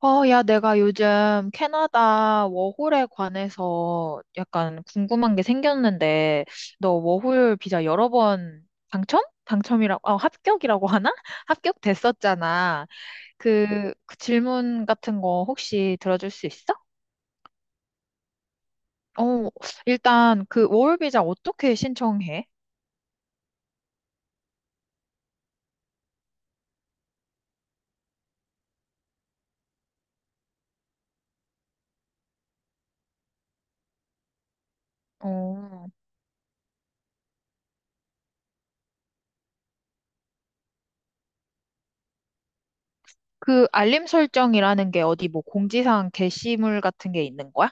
야, 내가 요즘 캐나다 워홀에 관해서 약간 궁금한 게 생겼는데, 너 워홀 비자 여러 번 당첨? 당첨이라고, 합격이라고 하나? 합격됐었잖아. 그 질문 같은 거 혹시 들어줄 수 있어? 어, 일단 그 워홀 비자 어떻게 신청해? 어, 그 알림 설정이라는 게 어디 뭐 공지사항 게시물 같은 게 있는 거야?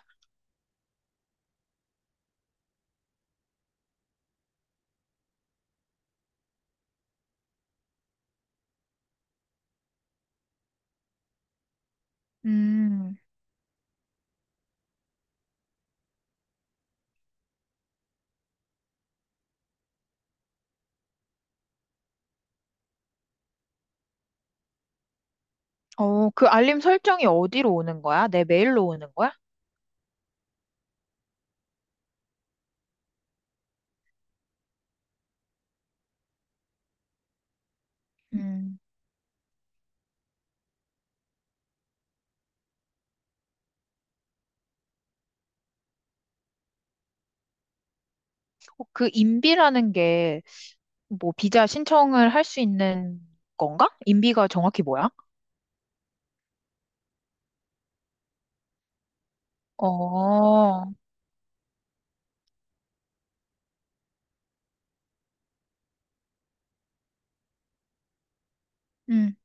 음. 그 알림 설정이 어디로 오는 거야? 내 메일로 오는 거야? 음. 그 인비라는 게 뭐 비자 신청을 할 수 있는 건가? 인비가 정확히 뭐야? 어. 음.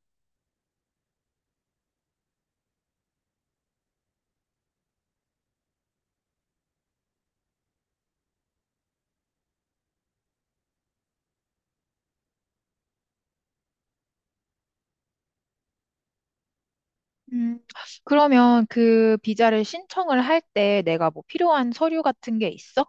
음. 그러면 그 비자를 신청을 할 때 내가 뭐 필요한 서류 같은 게 있어?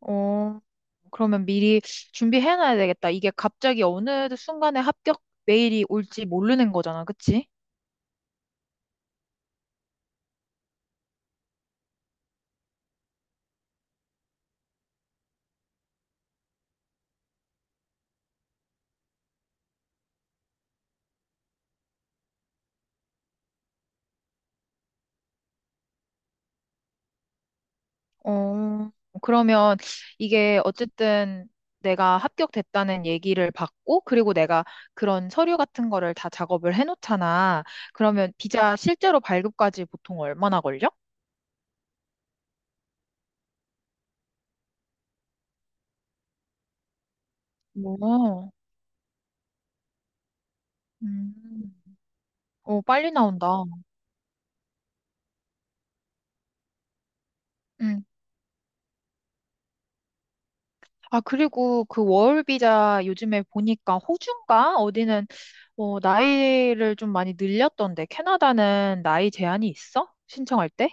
어, 그러면 미리 준비해놔야 되겠다. 이게 갑자기 어느 순간에 합격 메일이 올지 모르는 거잖아, 그치? 어, 그러면 이게 어쨌든 내가 합격됐다는 얘기를 받고, 그리고 내가 그런 서류 같은 거를 다 작업을 해놓잖아. 그러면 비자 실제로 발급까지 보통 얼마나 걸려? 오. 음. 빨리 나온다. 음. 아, 그리고 그 워홀 비자 요즘에 보니까 호주인가? 어디는, 나이를 좀 많이 늘렸던데, 캐나다는 나이 제한이 있어? 신청할 때?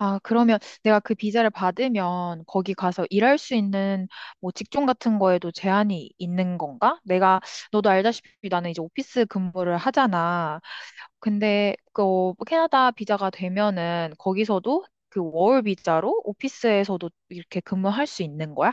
아, 그러면 내가 그 비자를 받으면 거기 가서 일할 수 있는 뭐 직종 같은 거에도 제한이 있는 건가? 너도 알다시피 나는 이제 오피스 근무를 하잖아. 근데 그 캐나다 비자가 되면은 거기서도 그 워홀 비자로 오피스에서도 이렇게 근무할 수 있는 거야?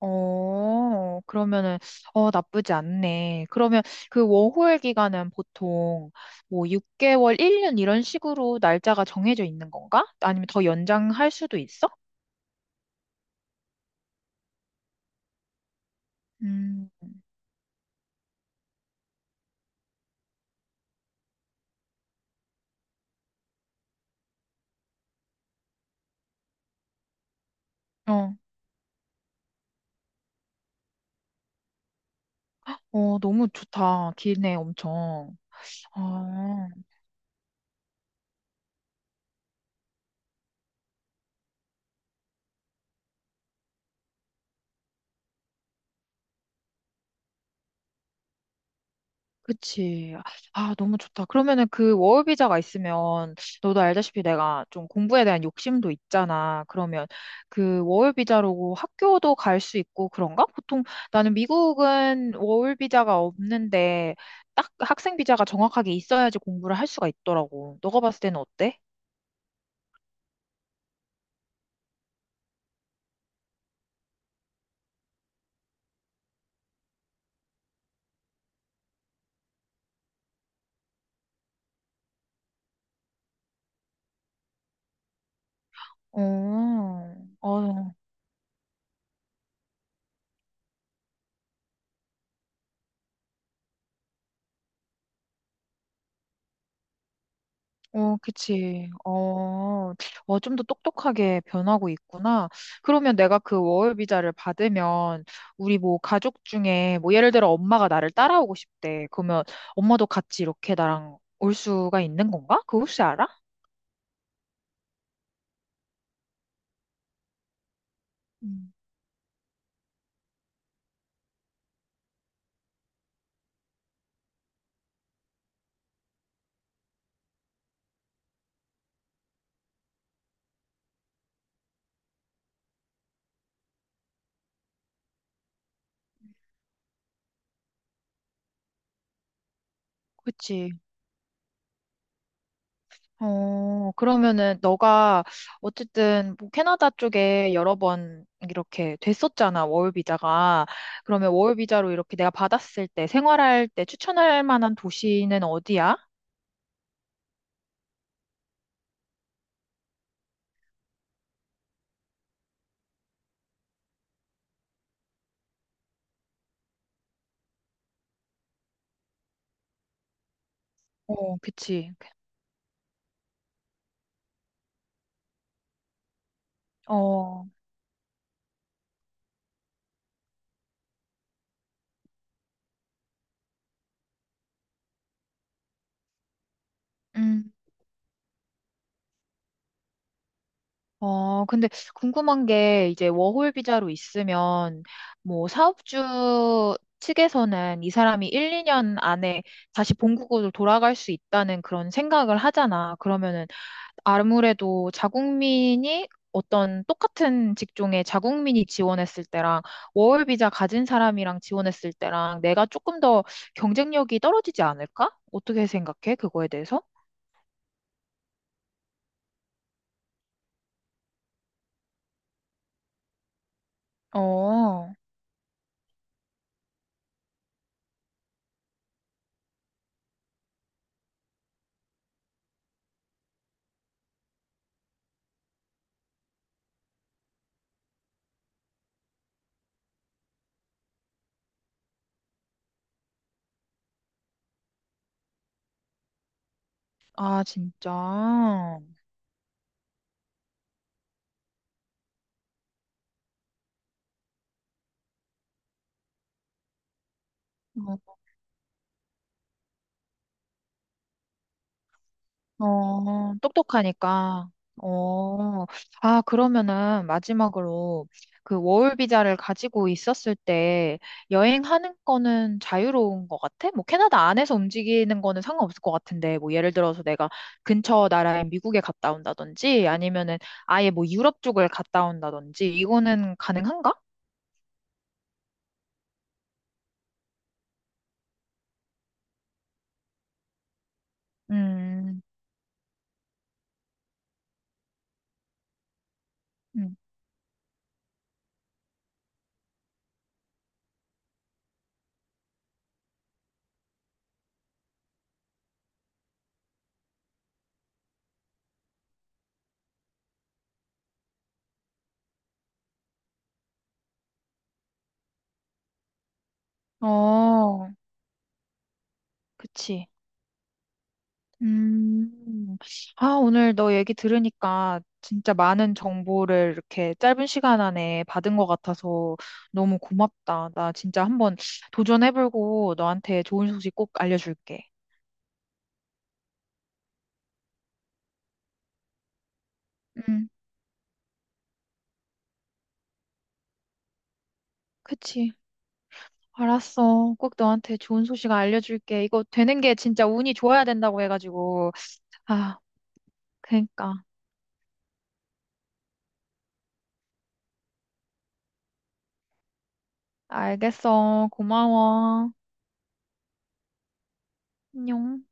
어, 그러면은, 나쁘지 않네. 그러면 그 워홀 기간은 보통 뭐 6개월, 1년 이런 식으로 날짜가 정해져 있는 건가? 아니면 더 연장할 수도 있어? 음. 어, 너무 좋다. 기네, 엄청. 아. 그치. 아, 너무 좋다. 그러면은 그 워비자가 있으면, 너도 알다시피 내가 좀 공부에 대한 욕심도 있잖아. 그러면 그 워비자로 학교도 갈 수 있고 그런가? 보통 나는 미국은 워비자가 없는데, 딱 학생 비자가 정확하게 있어야지 공부를 할 수가 있더라고. 너가 봤을 때는 어때? 어. 어. 어, 그치. 어, 좀 더 똑똑하게 변하고 있구나. 그러면 내가 그 워홀 비자를 받으면 우리 뭐 가족 중에 뭐 예를 들어 엄마가 나를 따라오고 싶대. 그러면 엄마도 같이 이렇게 나랑 올 수가 있는 건가? 그거 혹시 알아? 음. 그치. 그러면은 너가 어쨌든 뭐 캐나다 쪽에 여러 번 이렇게 됐었잖아, 워홀 비자가. 그러면 워홀 비자로 이렇게 내가 받았을 때 생활할 때 추천할 만한 도시는 어디야? 어, 그치. 어. 음. 근데 궁금한 게 이제 워홀 비자로 있으면 뭐 사업주 측에서는 이 사람이 1, 2년 안에 다시 본국으로 돌아갈 수 있다는 그런 생각을 하잖아. 그러면은 아무래도 자국민이 어떤 똑같은 직종에 자국민이 지원했을 때랑 워홀 비자 가진 사람이랑 지원했을 때랑 내가 조금 더 경쟁력이 떨어지지 않을까? 어떻게 생각해? 그거에 대해서? 어. 아, 진짜. 똑똑하니까. 어. 그러면은 마지막으로 그 워홀 비자를 가지고 있었을 때 여행하는 거는 자유로운 것 같아? 뭐 캐나다 안에서 움직이는 거는 상관없을 것 같은데, 뭐 예를 들어서 내가 근처 나라인 미국에 갔다 온다든지 아니면은 아예 뭐 유럽 쪽을 갔다 온다든지 이거는 가능한가? 음. 음. 어, 그치. 음, 아, 오늘 너 얘기 들으니까 진짜 많은 정보를 이렇게 짧은 시간 안에 받은 것 같아서 너무 고맙다. 나 진짜 한번 도전해보고 너한테 좋은 소식 꼭 알려줄게. 음. 그치. 알았어. 꼭 너한테 좋은 소식 알려줄게. 이거 되는 게 진짜 운이 좋아야 된다고 해가지고. 아, 그러니까. 알겠어. 고마워. 안녕.